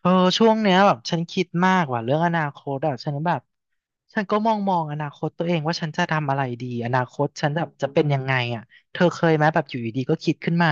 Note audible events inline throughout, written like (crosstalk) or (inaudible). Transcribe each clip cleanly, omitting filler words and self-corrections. เออช่วงเนี้ยแบบฉันคิดมากว่ะเรื่องอนาคตอ่ะฉันแบบฉันก็มองอนาคตตัวเองว่าฉันจะทำอะไรดีอนาคตฉันแบบจะเป็นยังไงอ่ะเธอเคยไหมแบบอยู่ดีๆก็คิดขึ้นมา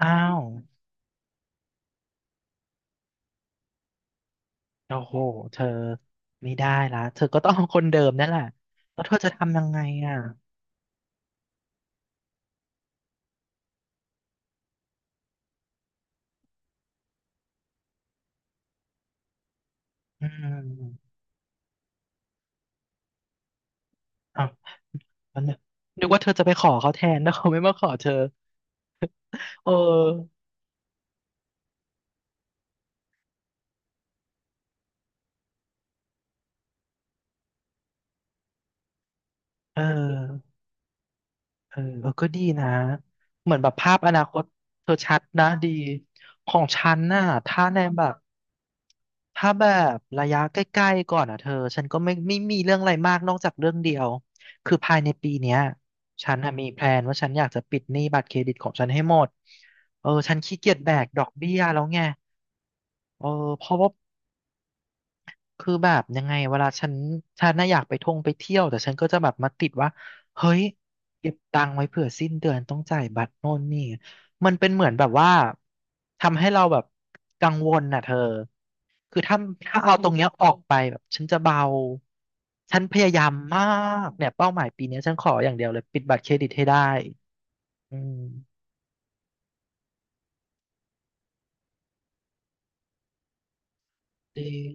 อ้าวโอ้โหเธอไม่ได้ละเธอก็ต้องเอาคนเดิมนั่นแหละแล้วเธอจะทำยังไงอ่ะอืมอ้าวแล้วนึกว่าเธอจะไปขอเขาแทนแล้วเขาไม่มาขอเธอเออเออ เออเออก็ดีนะ เหมือนแบบภาพอนาคตเธอชัดนะดี ของฉันน่ะถ้าในแบบถ้าแบบระยะใกล้ๆก่อนอ่ะเธอ ฉันก็ไม่มีเรื่องอะไรมากนอกจากเรื่องเดียว คือภายในปีเนี้ยฉันน่ะมีแพลนว่าฉันอยากจะปิดหนี้บัตรเครดิตของฉันให้หมดเออฉันขี้เกียจแบกดอกเบี้ยแล้วไงเออเพราะว่า คือแบบยังไงเวลาฉันฉันน่ะอยากไปท่องไปเที่ยวแต่ฉันก็จะแบบมาติดว่าเฮ้ยเก็บตังค์ไว้เผื่อสิ้นเดือนต้องจ่ายบัตรโน่นนี่มันเป็นเหมือนแบบว่าทำให้เราแบบกังวลน่ะเธอคือถ้าเอาตรงเนี้ยออกไปแบบฉันจะเบาฉันพยายามมากเนี่ยเป้าหมายปีเนี้ยฉันขออย่างเดียวเลยปิดบัตรเครดิตให้ได้อืมจริง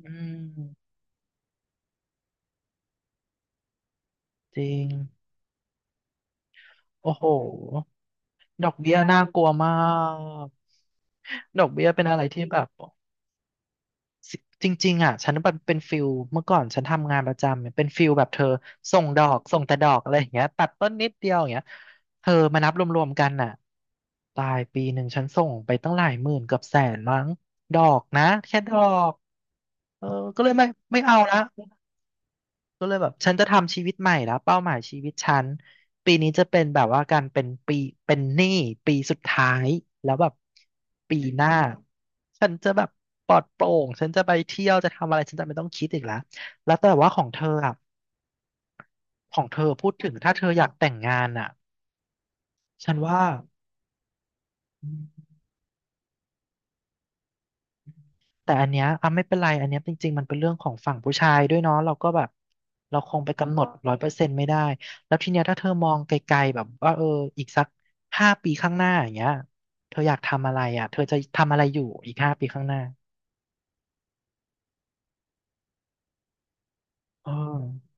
อืมจริงโอ้โห ดอกเบี้ยน่ากลัวมากดอกเบี้ยเป็นอะไรที่แบบจริงๆอ่ะฉันเป็นฟิลเมื่อก่อนฉันทำงานประจำเนี่ยเป็นฟิลแบบเธอส่งดอกส่งแต่ดอกอะไรอย่างเงี้ยตัดต้นนิดเดียวอย่างเงี้ยเธอมานับรวมๆกันน่ะตายปีหนึ่งฉันส่งไปตั้งหลายหมื่นเกือบ100,000มั้งดอกนะแค่ดอกเออก็เลยไม่เอาละ ก็เลยแบบฉันจะทำชีวิตใหม่แล้วเป้าหมายชีวิตฉันปีนี้จะเป็นแบบว่าการเป็นปีเป็นหนี้ปีสุดท้ายแล้วแบบปีหน้าฉันจะแบบปลอดโปร่งฉันจะไปเที่ยวจะทำอะไรฉันจะไม่ต้องคิดอีกแล้วแล้วแต่ว่าของเธออ่ะของเธอพูดถึงถ้าเธออยากแต่งงานอ่ะฉันว่า แต่อันเนี้ยอ่ะไม่เป็นไรอันเนี้ยจริงๆมันเป็นเรื่องของฝั่งผู้ชายด้วยเนาะเราก็แบบเราคงไปกำหนด100%ไม่ได้แล้วทีเนี้ยถ้าเธอมองไกลๆแบบว่าเอออีกสักห้าปีข้างหน้าอย่างเงี้ยเธออยากทำอะไรอ่ะเธอจะทำอะไรอยู่อีกห้าปีข้างหน้าเออ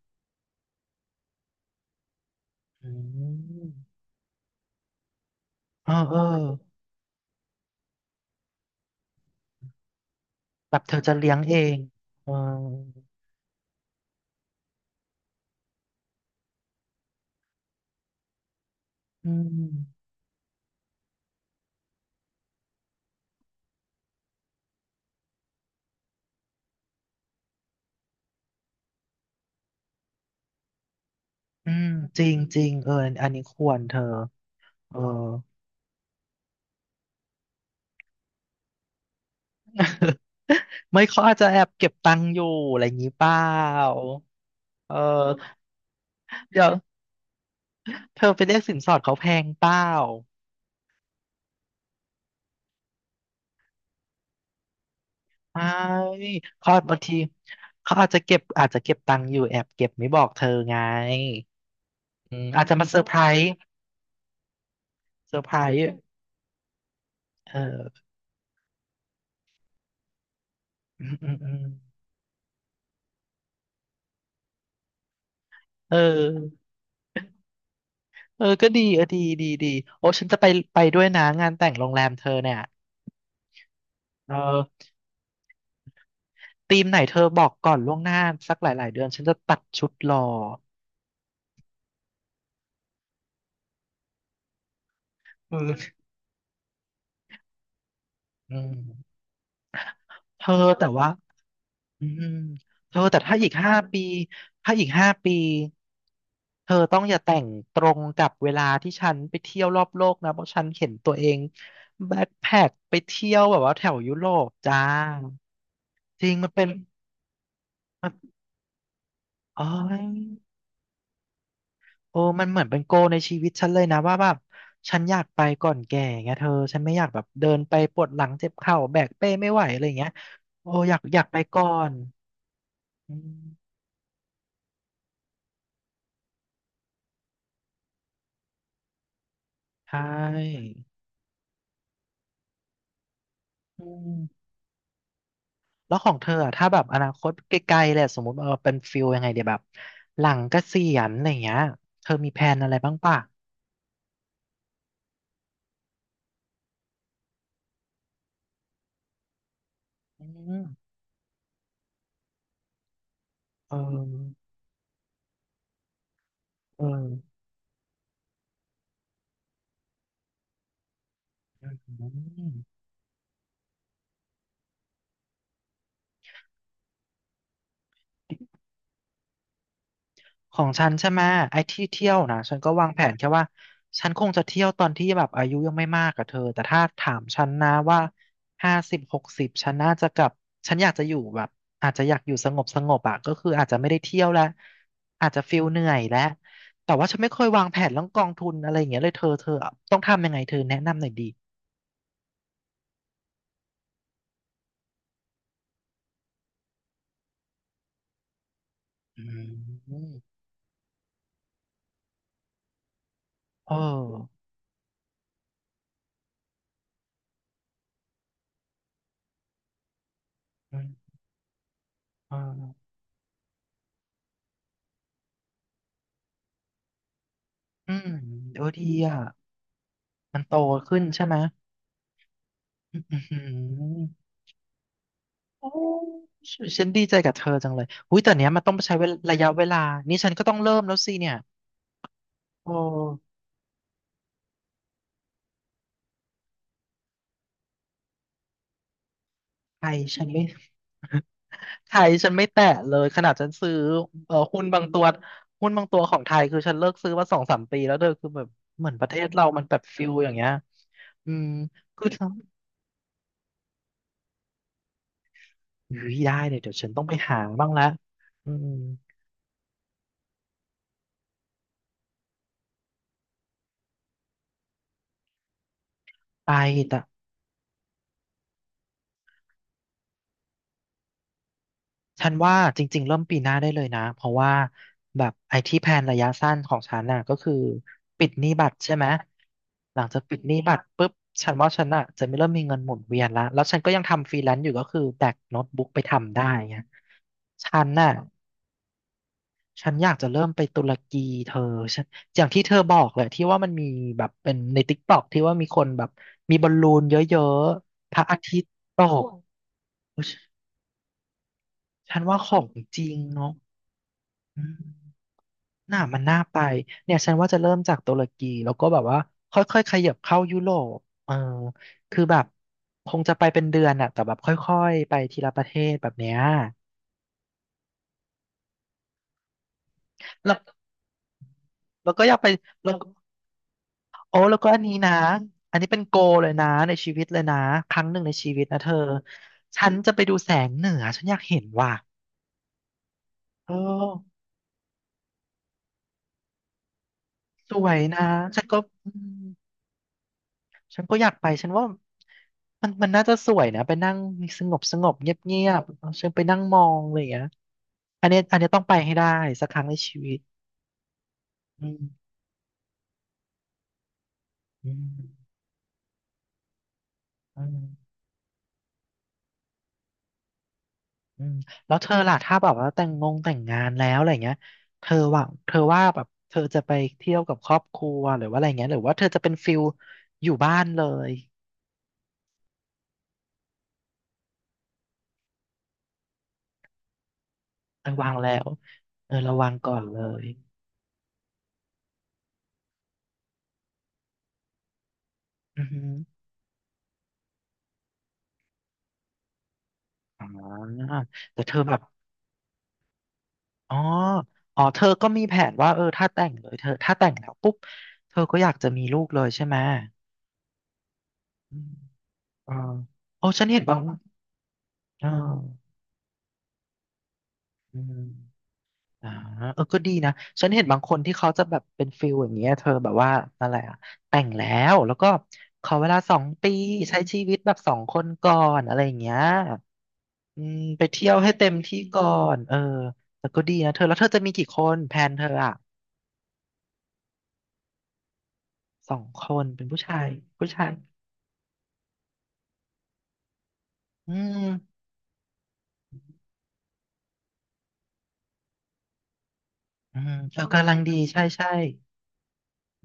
อืมเออเออแบบเธอจะเลี้ยงเองเอออืมอืมจริงจริงเอออันนี้ควรเธอเออ (laughs) ไม่เขาอาจจะแอบเก็บตังค์อยู่อะไรอย่างนี้เปล่า เออเดี๋ยวเธอไปเรียกสินสอดเขาแพงเปล่าไม่เขาบางทีเขาอาจจะเก็บตังค์อยู่แอบเก็บไม่บอกเธอไงอืมอาจจะมาเซอร์ไพรส์เซอร์ไพรส์เอออืมอืมอืมเออเออก็ดีเออดีดีดีโอ้ฉันจะไปไปด้วยนะงานแต่งโรงแรมเธอเนี่ยเออธีมไหนเธอบอกก่อนล่วงหน้าสักหลายๆเดือนฉันจะตัดชุดรอเอออืมเธอแต่ว่า อืมเธอแต่ถ้าอีกห้าปีถ้าอีกห้าปีเธอต้องอย่าแต่งตรงกับเวลาที่ฉันไปเที่ยวรอบโลกนะเพราะฉันเห็นตัวเองแบ็คแพ็คไปเที่ยวแบบว่าแถวยุโรปจ้าจริงมันเป็นมันโอ้ยโอ้มันเหมือนเป็นโกลในชีวิตฉันเลยนะว่าแบบฉันอยากไปก่อนแก่ไงเธอฉันไม่อยากแบบเดินไปปวดหลังเจ็บเข่าแบกเป้ไม่ไหวอะไรอย่างเงี้ยโอ้อยากไปก่อนอืมใช่อืม แล้วของเธออะถ้าแบบอนาคตไกลๆเลยอะสมมติเออเป็นฟิลยังไงเดี๋ยวแบบหลังเกษียณอะไรอย่างเงี้ยเธอมีแผนอะไรบ้างป่ะอืมเออเอออืม ของฉันใช่ไหมไอ้ที่เที่ยวนะฉันก็วางแผนแค่ว่าฉันคงจะเที่ยวตอนที่แบบอายุยังไม่มากกับเธอแต่ถ้าถามฉันนะว่า5060ฉันน่าจะกลับฉันอยากจะอยู่แบบอาจจะอยากอยู่สงบสงบอ่ะก็คืออาจจะไม่ได้เที่ยวแล้วอาจจะฟิลเหนื่อยแล้วแต่ว่าฉันไม่เคยวางแผนเรื่องกองทุนอะไรอย่างเงี้ยเลยเธอเธอต้องทำยังไงเธอแนะนำหน่อยดีอืมเอออืมเอออืมโอ้ดีอ่ะมันโตขึ้นใช่ไหมอืม โอ้ยฉันดีใจกับเธอจังเลยหุ้ยแต่เนี้ยมันต้องใช้เวลาระยะเวลานี่ฉันก็ต้องเริ่มแล้วสิเนี่ยโอ้ไทยฉันไม่ไทยฉันไม่แตะเลยขนาดฉันซื้อหุ้นบางตัวหุ้นบางตัวของไทยคือฉันเลิกซื้อมาสองสามปีแล้วเธอคือแบบเหมือนประเทศเรามันแบบฟิลอย่างเงี้ยอืมคือทงอุ้ยได้เลยเดี๋ยวฉันต้องไปหาบ้างละอืมไปแต่ ฉันว่าจริงๆเริ่มปีหน้าได้เลยนะเพราะว่าแบบไอที่แพลนระยะสั้นของฉันน่ะก็คือปิดหนี้บัตรใช่ไหมหลังจากปิดหนี้บัตรปุ๊บฉันว่าฉันน่ะจะไม่เริ่มมีเงินหมุนเวียนละแล้วฉันก็ยังทำฟรีแลนซ์อยู่ก็คือแบกโน้ตบุ๊กไปทำได้ไงฉันน่ะฉันอยากจะเริ่มไปตุรกีเธอฉันอย่างที่เธอบอกเลยที่ว่ามันมีแบบเป็นในติ๊กต็อกที่ว่ามีคนแบบมีบอลลูนเยอะๆพระอาทิตย์ตกฉันว่าของจริงเนาะอืม น่ามันน่าไปเนี่ยฉันว่าจะเริ่มจากตุรกีแล้วก็แบบว่าค่อยๆขยับเข้ายุโรปเออคือแบบคงจะไปเป็นเดือนอะแต่แบบค่อยๆไปทีละประเทศแบบเนี้ยแล้วแล้วก็อยากไปแล้วโอ้แล้วก็อันนี้นะอันนี้เป็นโกเลยนะในชีวิตเลยนะครั้งหนึ่งในชีวิตนะเธอฉันจะไปดูแสงเหนือฉันอยากเห็นว่ะเออสวยนะฉันก็อืม ฉันก็อยากไป ฉันว่ามันน่าจะสวยนะไปนั่งสงบสงบเงียบเงียบๆฉันไปนั่งมองอะไรอย่างเงี้ยอันเนี้ยต้องไปให้ได้สักครั้งในชีวิตอืมอืมอืมอืมแล้วเธอล่ะถ้าแบบว่าแต่งงานแล้วอะไรเงี้ยเธอว่าแบบเธอจะไปเที่ยวกับครอบครัวหรือว่าอะไรเงี้ยหรือว่าเธอจะเป็นฟิลอยู่บ้านเลย ระวังแล้วเออระวังก่อนเลยอือฮึอ๋อแต่เธอแบบ อ๋อเธอก็มีแผนว่าเออถ้าแต่งเลยเธอถ้าแต่งแล้วปุ๊บเธอก็อยากจะมีลูกเลยใช่ไหมอืมเออโอ้ฉันเห็นบางเอออืมอ่าเออก็ดีนะฉันเห็นบางคนที่เขาจะแบบเป็นฟิลอย่างเงี้ยเธอแบบว่าอะไรอะแต่งแล้วก็ขอเวลาสองปีใช้ชีวิตแบบสองคนก่อนอะไรอย่างเงี้ยอืมไปเที่ยวให้เต็มที่ก่อนเออแต่ก็ดีนะเธอแล้วเธอจะมีกี่คนแพลนเธออะสองคนเป็นผู้ชายผู้ชายอืม อืมเออกำลังดีใช่ใช่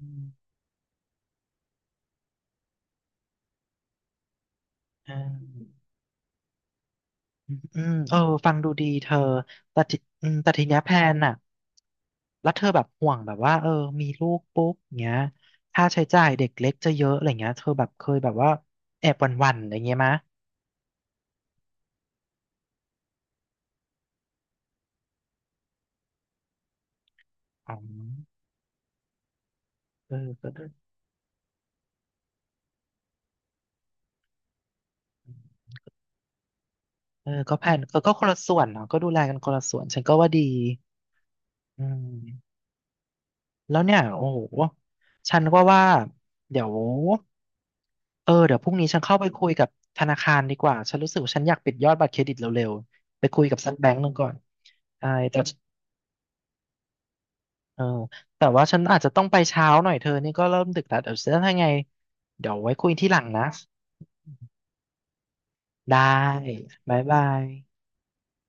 อืมอ่าอืมเออฟังดูดีเธอแต่ทีอืมแต่ทีเนี้ยแพลนน่ะแล้วเธอแบบห่วงแบบว่าเออมีลูกปุ๊บเงี้ยค่าใช้จ่ายเด็กเล็กจะเยอะอะไรเงี้ยเธอแบบเคยแบบว่าแอบหวั่นๆอะไรเงี้ยมะอ๋อเออก็ได้เออก็แพลนเออก็คนละส่วนเนาะก็ดูแลกันคนละส่วน ฉันก็ว่าดีอืมแล้วเนี่ยโอ้โห ฉันก็ว่าเดี๋ยว เออเดี๋ยวพรุ่งนี้ฉันเข้าไปคุยกับธนาคารดีกว่าฉันรู้สึกว่าฉันอยากปิดยอดบัตรเครดิตเร็วๆไปคุยกับซักแบงก์หนึ่งก่อนใช่แต่เออแต่ว่าฉันอาจจะต้องไปเช้าหน่อยเธอนี่ก็เริ่มดึกแล้วเดี๋ยวเจะทำไงเดี๋ยวไว้คุยที่หลังนะได้บ๊ายบาย